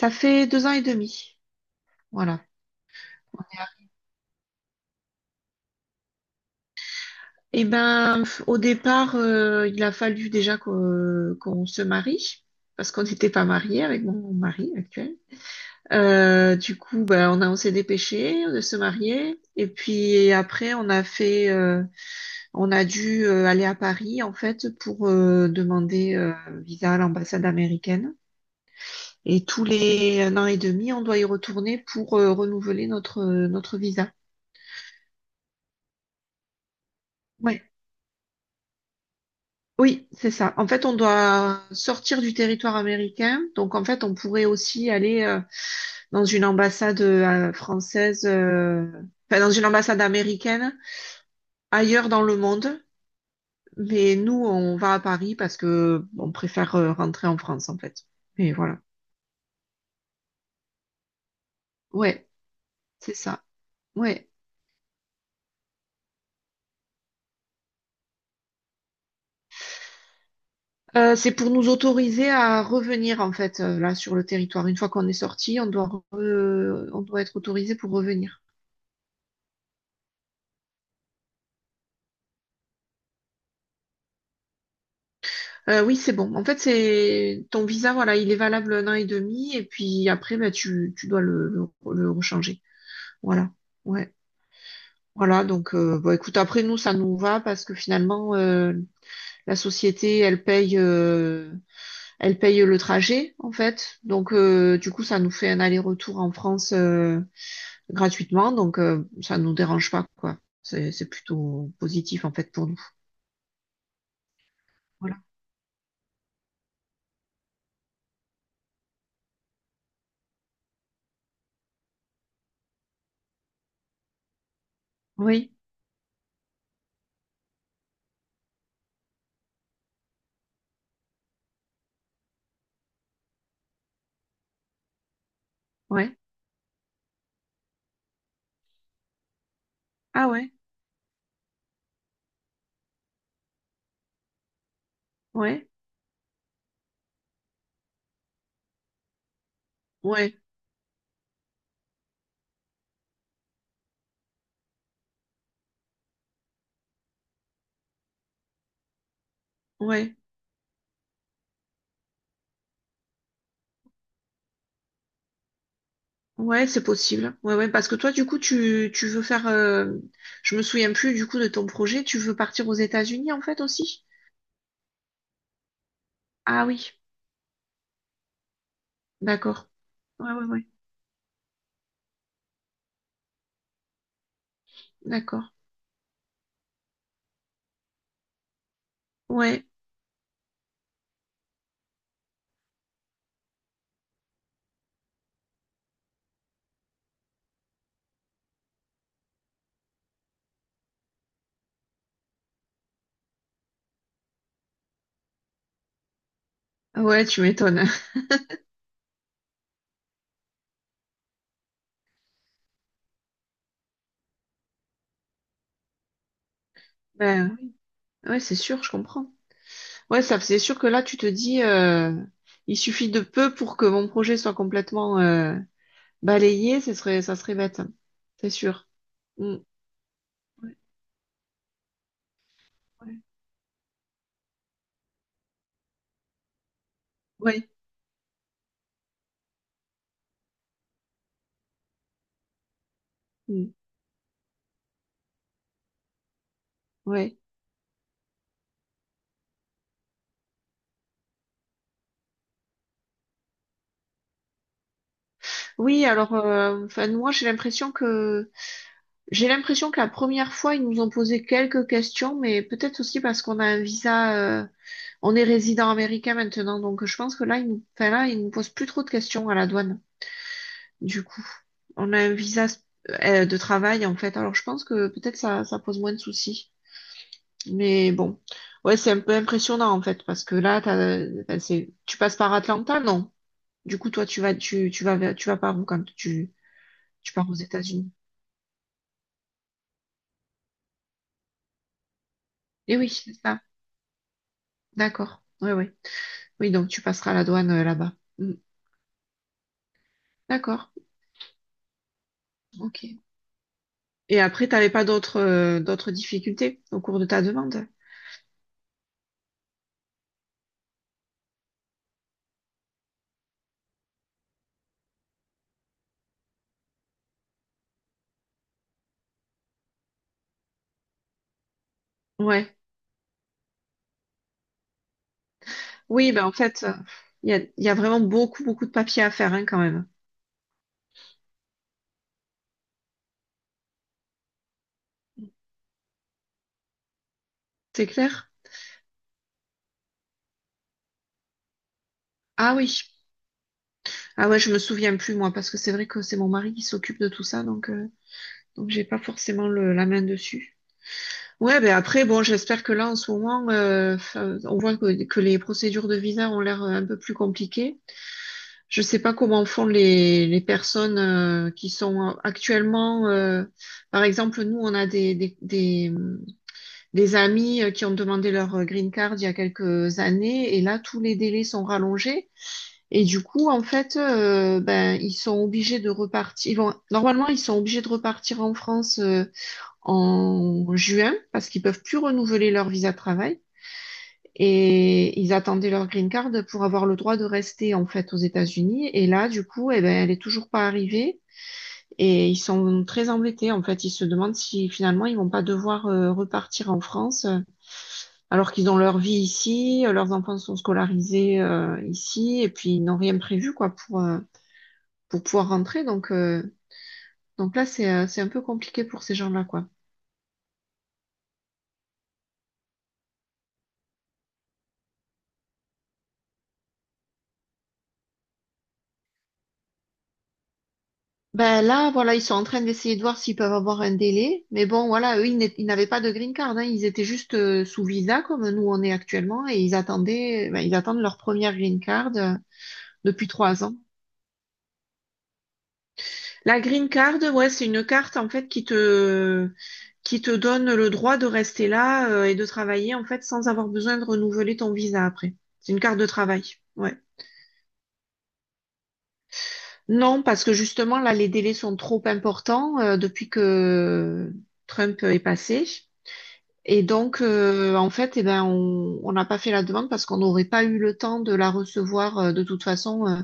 Ça fait deux ans et demi. Voilà. Eh ben, au départ, il a fallu déjà qu'on se marie, parce qu'on n'était pas mariés avec mon mari actuel. Du coup, on a, on s'est dépêché de se marier. Et puis après, on a fait, on a dû aller à Paris, en fait, pour demander visa à l'ambassade américaine. Et tous les un an et demi, on doit y retourner pour renouveler notre, notre visa. Ouais. Oui, c'est ça. En fait, on doit sortir du territoire américain. Donc, en fait, on pourrait aussi aller dans une ambassade française, enfin, dans une ambassade américaine ailleurs dans le monde. Mais nous, on va à Paris parce que on préfère rentrer en France, en fait. Mais voilà. Ouais, c'est ça. Ouais. C'est pour nous autoriser à revenir, en fait, là, sur le territoire. Une fois qu'on est sorti, on doit, on doit être autorisé pour revenir. Oui, c'est bon. En fait, c'est ton visa, voilà, il est valable un an et demi, et puis après, bah, tu dois le rechanger. Voilà. Ouais. Voilà. Donc, bah, écoute, après nous, ça nous va parce que finalement, la société, elle paye le trajet, en fait. Donc, du coup, ça nous fait un aller-retour en France gratuitement, donc ça nous dérange pas, quoi. C'est plutôt positif, en fait, pour nous. Voilà. Oui. Ouais. Ah ouais. Ouais. Ouais. Ouais. Ouais, c'est possible. Ouais, ouais, parce que toi, du coup, tu veux faire. Je me souviens plus du coup de ton projet. Tu veux partir aux États-Unis en fait aussi? Ah oui, d'accord. Ouais, ouais, ouais, d'accord. Ouais, ouais, tu m'étonnes. Ben oui. Ouais, c'est sûr, je comprends. Ouais, ça, c'est sûr que là, tu te dis, il suffit de peu pour que mon projet soit complètement balayé. Ce serait, ça serait bête. C'est sûr. Mm. Ouais. Ouais. Ouais. Mm. Ouais. Oui, alors, enfin, moi, j'ai l'impression que j'ai l'impression que la première fois, ils nous ont posé quelques questions, mais peut-être aussi parce qu'on a un visa, on est résident américain maintenant, donc je pense que là, ils nous, enfin là, ils nous posent plus trop de questions à la douane. Du coup, on a un visa de travail en fait, alors je pense que peut-être ça, ça pose moins de soucis. Mais bon, ouais, c'est un peu impressionnant en fait, parce que là, t'as, enfin, c'est, tu passes par Atlanta, non? Du coup, toi, tu vas, tu vas, tu vas par où quand tu pars aux États-Unis? Eh oui, c'est ça. D'accord. Ouais, ouais. Oui, donc tu passeras la douane là-bas. Mm. D'accord, ok. Et après, t'avais pas d'autres d'autres difficultés au cours de ta demande? Ouais. Oui, ben en fait, il y a vraiment beaucoup, beaucoup de papiers à faire hein, quand même. C'est clair? Ah oui. Ah ouais, je me souviens plus moi, parce que c'est vrai que c'est mon mari qui s'occupe de tout ça, donc j'ai pas forcément la main dessus. Ouais, ben après, bon, j'espère que là, en ce moment, on voit que les procédures de visa ont l'air un peu plus compliquées. Je ne sais pas comment font les personnes qui sont actuellement, par exemple, nous, on a des amis qui ont demandé leur green card il y a quelques années, et là, tous les délais sont rallongés. Et du coup, en fait, ben, ils sont obligés de repartir. Ils vont, normalement, ils sont obligés de repartir en France en juin parce qu'ils peuvent plus renouveler leur visa de travail. Et ils attendaient leur green card pour avoir le droit de rester en fait aux États-Unis. Et là, du coup, eh ben, elle est toujours pas arrivée. Et ils sont très embêtés. En fait, ils se demandent si finalement ils vont pas devoir repartir en France, alors qu'ils ont leur vie ici, leurs enfants sont scolarisés ici, et puis ils n'ont rien prévu quoi pour pouvoir rentrer. Donc là, c'est un peu compliqué pour ces gens-là quoi. Ben là, voilà, ils sont en train d'essayer de voir s'ils peuvent avoir un délai. Mais bon, voilà, eux, ils n'avaient pas de green card, hein. Ils étaient juste sous visa, comme nous on est actuellement, et ils attendaient, ben, ils attendent leur première green card depuis trois ans. La green card, ouais, c'est une carte, en fait, qui te donne le droit de rester là, et de travailler, en fait, sans avoir besoin de renouveler ton visa après. C'est une carte de travail. Ouais. Non, parce que justement, là, les délais sont trop importants, depuis que Trump est passé. Et donc, en fait, eh ben, on n'a pas fait la demande parce qu'on n'aurait pas eu le temps de la recevoir de toute façon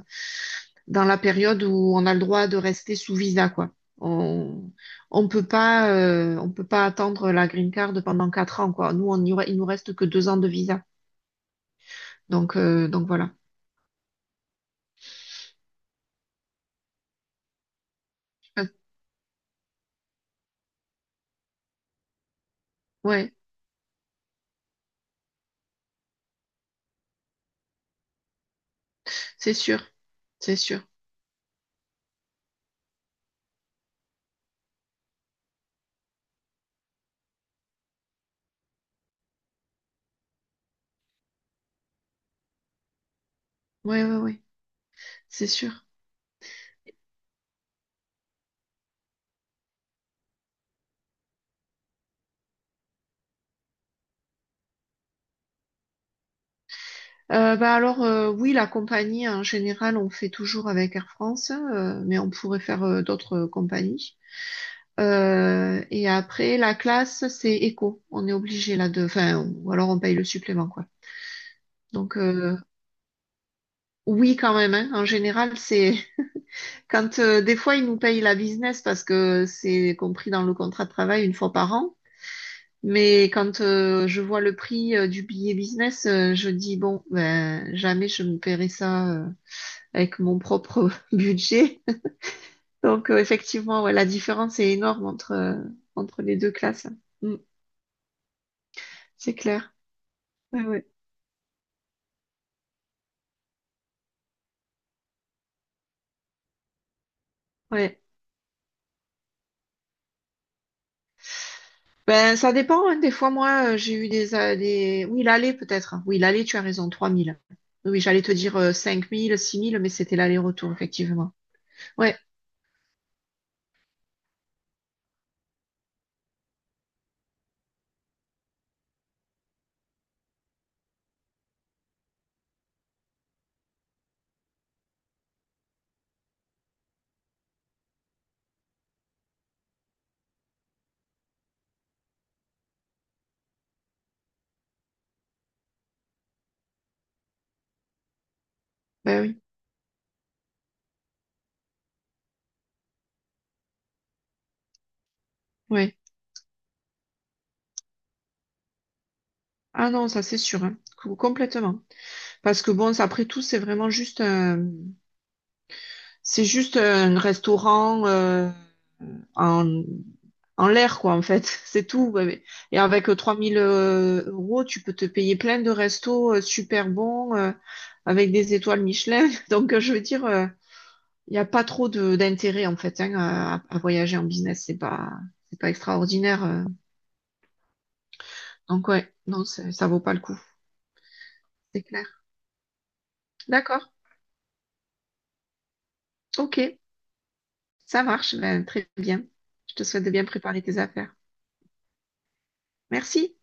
dans la période où on a le droit de rester sous visa, quoi. On on peut pas attendre la green card pendant quatre ans, quoi. Nous, il nous reste que deux ans de visa. Donc voilà. Euh, Ouais, c'est sûr, c'est sûr. Ouais ouais ouais, c'est sûr. Bah alors oui, la compagnie en général, on fait toujours avec Air France, mais on pourrait faire d'autres compagnies. Et après, la classe, c'est éco. On est obligé là de… Enfin, ou alors on paye le supplément, quoi. Donc, oui, quand même, hein. En général, c'est… Quand des fois, ils nous payent la business parce que c'est compris dans le contrat de travail une fois par an. Mais quand je vois le prix du billet business, je dis, bon, ben, jamais je me paierai ça avec mon propre budget. Donc, effectivement, ouais, la différence est énorme entre, entre les deux classes. Mm, c'est clair. Ouais, ouais. Ouais. Ben, ça dépend, hein. Des fois, moi, j'ai eu des, des… Oui, l'aller, peut-être. Oui, l'aller, tu as raison, 3000. Oui, oui, j'allais te dire 5000, 6000 mais c'était l'aller-retour, effectivement. Ouais, ben oui, ouais. Ah non, ça, c'est sûr, hein. Complètement. Parce que bon, ça, après tout, c'est vraiment juste un… C'est juste un restaurant en, en l'air, quoi, en fait. C'est tout. Ouais, mais- Et avec 3000 euros, tu peux te payer plein de restos super bons avec des étoiles Michelin. Donc, je veux dire… Il n'y a pas trop de d'intérêt en fait hein, à voyager en business, c'est pas extraordinaire. Donc ouais, non, ça ça vaut pas le coup, c'est clair. D'accord, ok, ça marche, ben, très bien. Je te souhaite de bien préparer tes affaires. Merci.